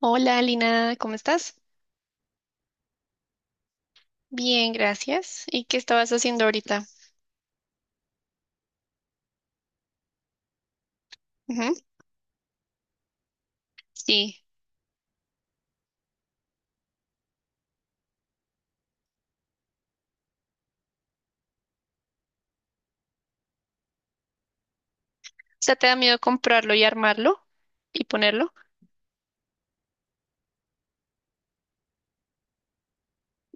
Hola, Lina, ¿cómo estás? Bien, gracias. ¿Y qué estabas haciendo ahorita? Ujú. Sí. O sea, ¿te da miedo comprarlo y armarlo y ponerlo?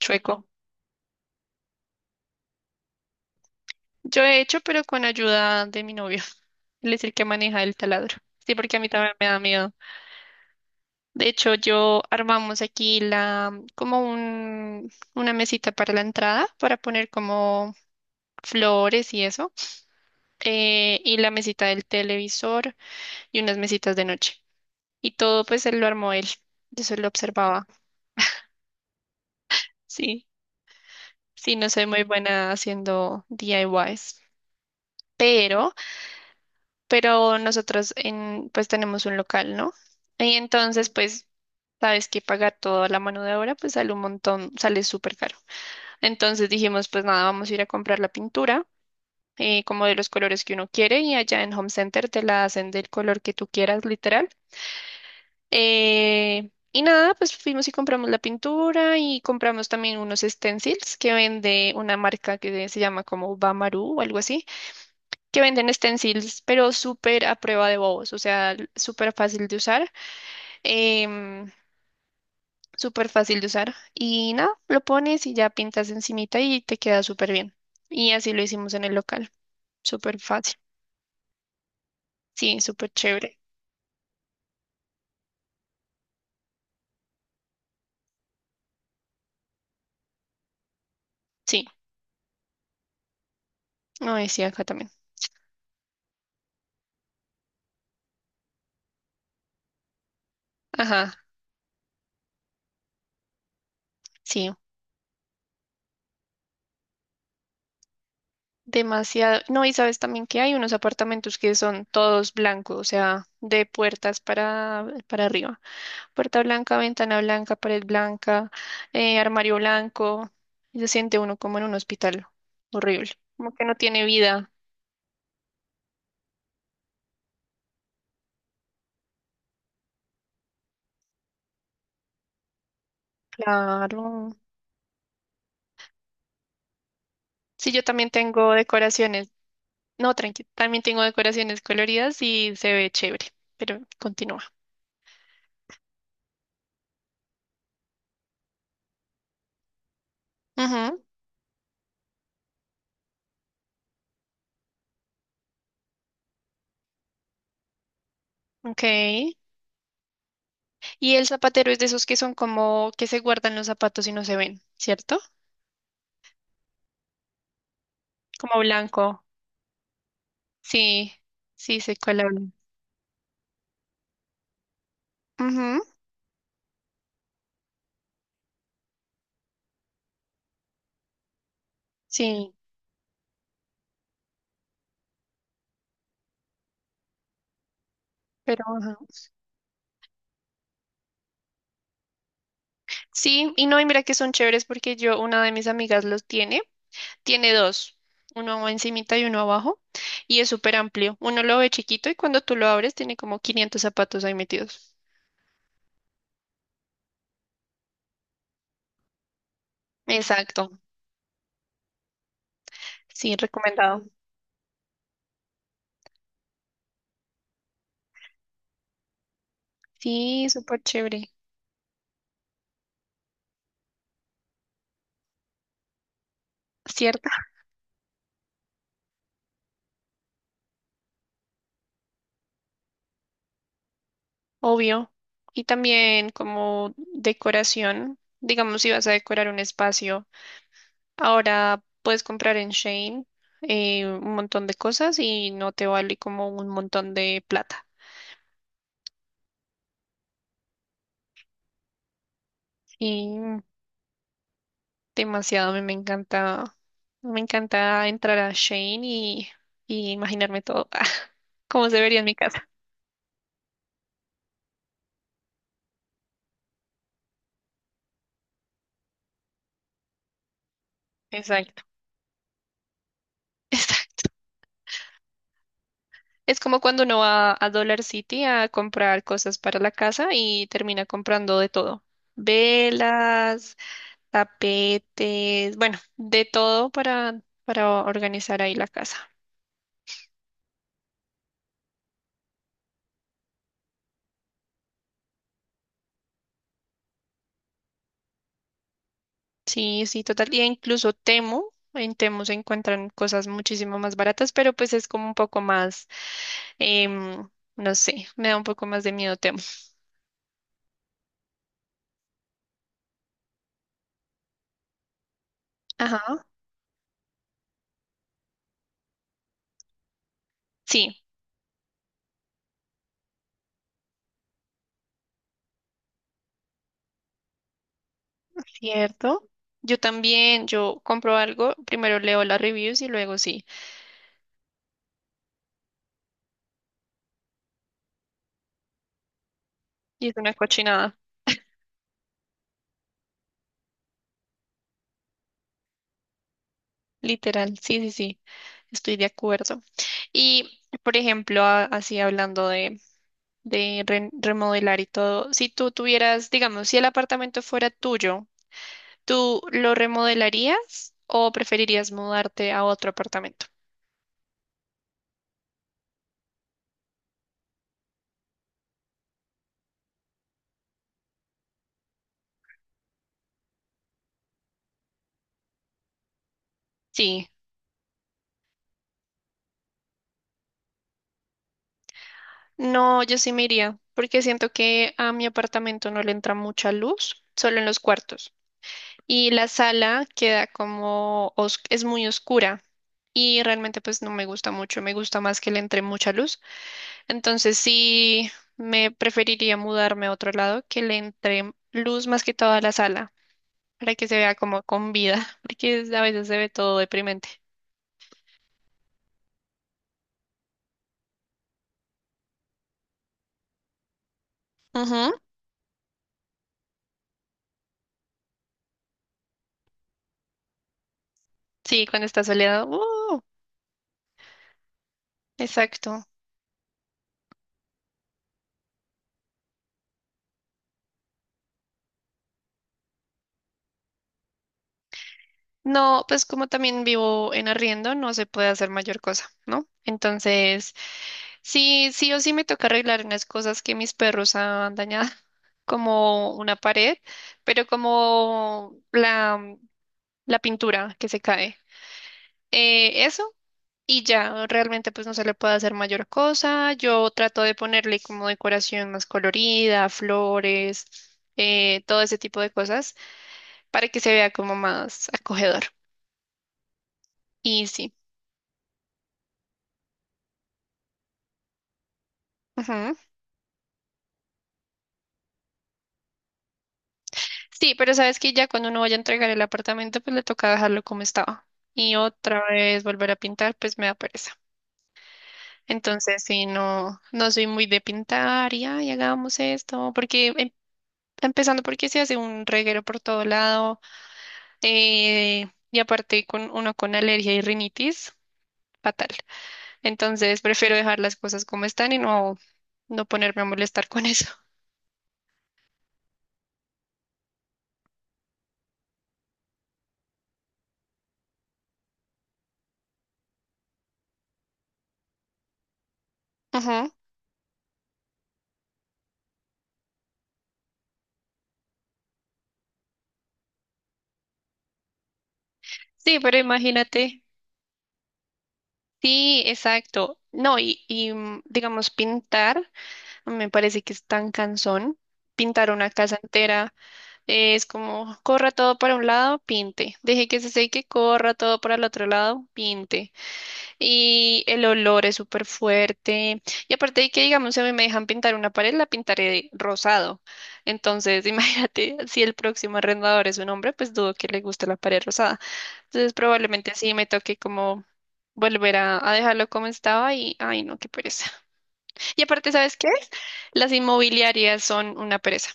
Chueco. Yo he hecho, pero con ayuda de mi novio. Él es el que maneja el taladro. Sí, porque a mí también me da miedo. De hecho, yo armamos aquí una mesita para la entrada, para poner como flores y eso, y la mesita del televisor y unas mesitas de noche. Y todo pues él lo armó él. Yo solo observaba. Sí, sí, no soy muy buena haciendo DIYs. Pero, pero nosotros pues tenemos un local, ¿no? Y entonces pues sabes que pagar toda la mano de obra pues sale un montón, sale súper caro. Entonces dijimos pues nada, vamos a ir a comprar la pintura. Como de los colores que uno quiere y allá en Home Center te la hacen del color que tú quieras, literal. Y nada, pues fuimos y compramos la pintura y compramos también unos stencils que vende una marca que se llama como Bamaru o algo así, que venden stencils, pero súper a prueba de bobos, o sea, súper fácil de usar, em, súper fácil de usar. Y nada, lo pones y ya pintas encimita y te queda súper bien. Y así lo hicimos en el local, súper fácil. Sí, súper chévere. Sí, no, sí, acá también. Ajá, sí. Demasiado. No, y sabes también que hay unos apartamentos que son todos blancos, o sea, de puertas para arriba. Puerta blanca, ventana blanca, pared blanca, armario blanco. Y se siente uno como en un hospital. Horrible. Como que no tiene vida. Claro. Sí, yo también tengo decoraciones. No, tranqui, también tengo decoraciones coloridas y se ve chévere, pero continúa. Ujú, ok. Y el zapatero es de esos que son como que se guardan los zapatos y no se ven, ¿cierto? Como blanco. Sí, sí, sé cuál habla. Ujú. Sí, pero ajá. Sí, y no, y mira que son chéveres porque yo, una de mis amigas los tiene, tiene dos, uno encimita y uno abajo, y es súper amplio. Uno lo ve chiquito y cuando tú lo abres tiene como 500 zapatos ahí metidos. Exacto, sí, recomendado. Sí, súper chévere, ¿cierto? Obvio. Y también como decoración, digamos si vas a decorar un espacio. Ahora puedes comprar en Shane un montón de cosas y no te vale como un montón de plata. Y demasiado, a mí me encanta entrar a Shane y imaginarme todo, cómo se vería en mi casa. Exacto. Exacto. Es como cuando uno va a Dollar City a comprar cosas para la casa y termina comprando de todo. Velas, tapetes, bueno, de todo para organizar ahí la casa. Sí, sí, total. Y incluso Temu, en Temu se encuentran cosas muchísimo más baratas, pero pues es como un poco más, em, no sé, me da un poco más de miedo Temu. Ajá, sí, cierto. Yo también, yo compro algo, primero leo las reviews y luego sí. Y es una cochinada, literal. Sí, sí, sí, estoy de acuerdo. Y, por ejemplo, así hablando de remodelar y todo, si tú tuvieras, digamos, si el apartamento fuera tuyo, ¿tú lo remodelarías o preferirías mudarte a otro apartamento? Sí. No, yo sí me iría, porque siento que a mi apartamento no le entra mucha luz, solo en los cuartos. Y la sala queda como, es muy oscura y realmente pues no me gusta mucho, me gusta más que le entre mucha luz. Entonces sí, me preferiría mudarme a otro lado que le entre luz más que toda la sala, para que se vea como con vida, porque a veces se ve todo deprimente. Sí, cuando está soleado. ¡Uh! Exacto. No, pues como también vivo en arriendo, no se puede hacer mayor cosa, ¿no? Entonces, sí, sí o sí me toca arreglar unas cosas que mis perros han dañado, como una pared, pero como la pintura que se cae. Eso, y ya, realmente pues no se le puede hacer mayor cosa. Yo trato de ponerle como decoración más colorida, flores, todo ese tipo de cosas. Para que se vea como más acogedor. Y sí. Ujú. Sí, pero sabes que ya cuando uno vaya a entregar el apartamento, pues le toca dejarlo como estaba. Y otra vez volver a pintar, pues me da pereza. Entonces, sí, no, no soy muy de pintar y, ay, hagamos esto, porque empezando porque se hace un reguero por todo lado, y aparte con uno con alergia y rinitis, fatal. Entonces, prefiero dejar las cosas como están y no ponerme a molestar con eso. Ujú. Sí, pero imagínate. Sí, exacto. No, digamos, pintar, me parece que es tan cansón. Pintar una casa entera es como, corra todo para un lado, pinte. Deje que se seque, corra todo para el otro lado, pinte. Y el olor es súper fuerte. Y aparte de que, digamos, si a mí me dejan pintar una pared, la pintaré rosado. Entonces, imagínate, si el próximo arrendador es un hombre, pues dudo que le guste la pared rosada. Entonces, probablemente sí me toque como volver a dejarlo como estaba y, ay, no, qué pereza. Y aparte, ¿sabes qué? Las inmobiliarias son una pereza.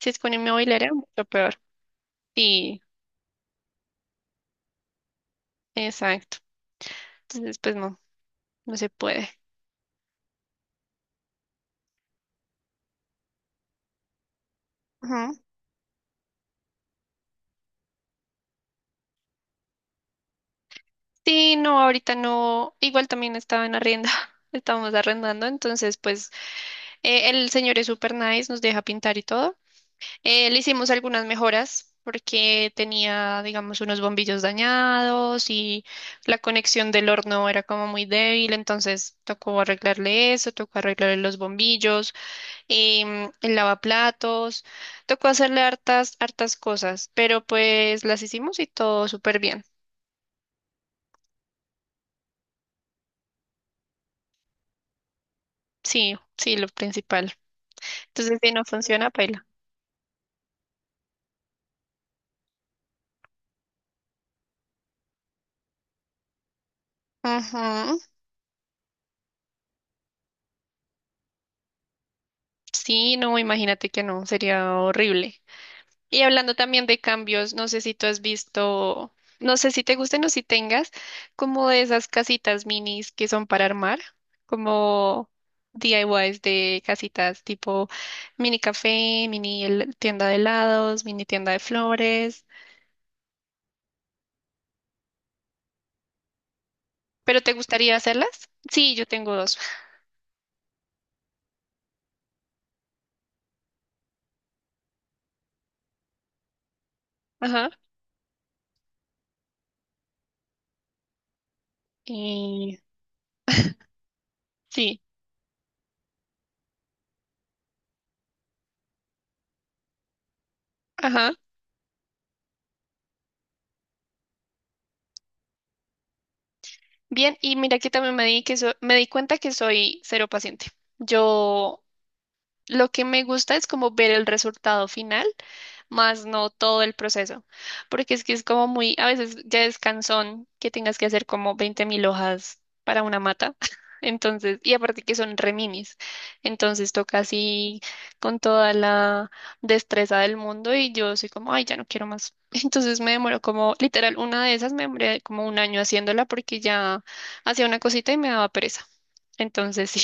Si es con inmobiliaria, mucho peor. Y, exacto. Entonces, pues no, no se puede. Sí, no, ahorita no, igual también estaba en arrienda, estábamos arrendando, entonces pues el señor es súper nice, nos deja pintar y todo. Le hicimos algunas mejoras porque tenía, digamos, unos bombillos dañados y la conexión del horno era como muy débil, entonces tocó arreglarle eso, tocó arreglarle los bombillos, el lavaplatos, tocó hacerle hartas, hartas cosas, pero pues las hicimos y todo súper bien. Sí, sí, lo principal. Entonces, si no funciona, paila. Ujú. Sí, no, imagínate que no, sería horrible. Y hablando también de cambios, no sé si tú has visto, no sé si te gusten o si tengas, como de esas casitas minis que son para armar, como DIYs de casitas tipo mini café, tienda de helados, mini tienda de flores. ¿Pero te gustaría hacerlas? Sí, yo tengo dos. Ajá. Y sí, ajá. Bien, y mira que también me di cuenta que soy cero paciente. Yo lo que me gusta es como ver el resultado final, más no todo el proceso, porque es que es como muy, a veces ya es cansón que tengas que hacer como 20.000 hojas para una mata, entonces, y aparte que son reminis, entonces toca así con toda la destreza del mundo y yo soy como, ay, ya no quiero más. Entonces me demoró como, literal, una de esas me demoré como un año haciéndola porque ya hacía una cosita y me daba pereza. Entonces, sí.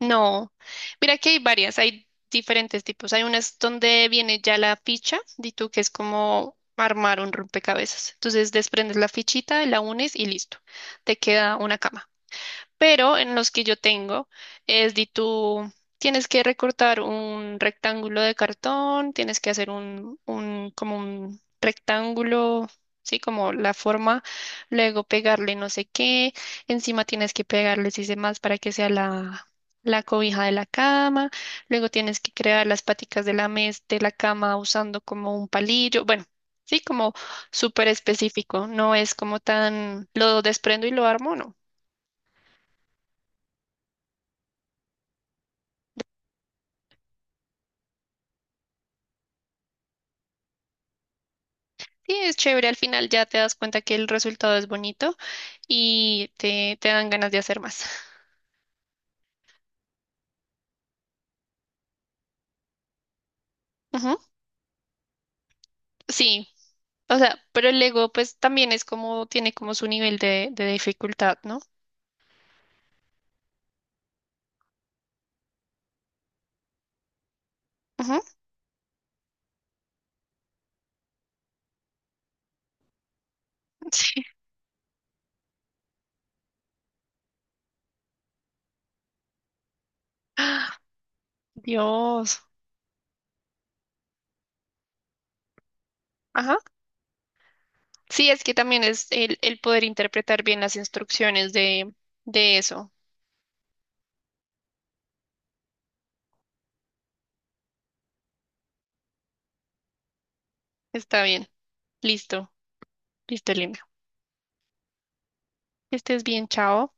No, mira que hay varias, hay diferentes tipos. Hay unas donde viene ya la ficha, di tú que es como armar un rompecabezas. Entonces desprendes la fichita, la unes y listo. Te queda una cama pero en los que yo tengo es de tú tienes que recortar un rectángulo de cartón, tienes que hacer un como un rectángulo, sí, como la forma, luego pegarle no sé qué, encima tienes que pegarle si se más para que sea la cobija de la cama, luego tienes que crear las paticas de la mes de la cama usando como un palillo, bueno, sí, como súper específico, no es como tan lo desprendo y lo armo, no. Sí, es chévere, al final ya te das cuenta que el resultado es bonito y te dan ganas de hacer más. Ujú. Sí, o sea, pero el Lego pues también es como, tiene como su nivel de dificultad, ¿no? Ujú. Sí. ¡Ah! Dios. Ajá. Sí, es que también es el poder interpretar bien las instrucciones de eso. Está bien. Listo. Listo, Elimio. Que estés bien, chao.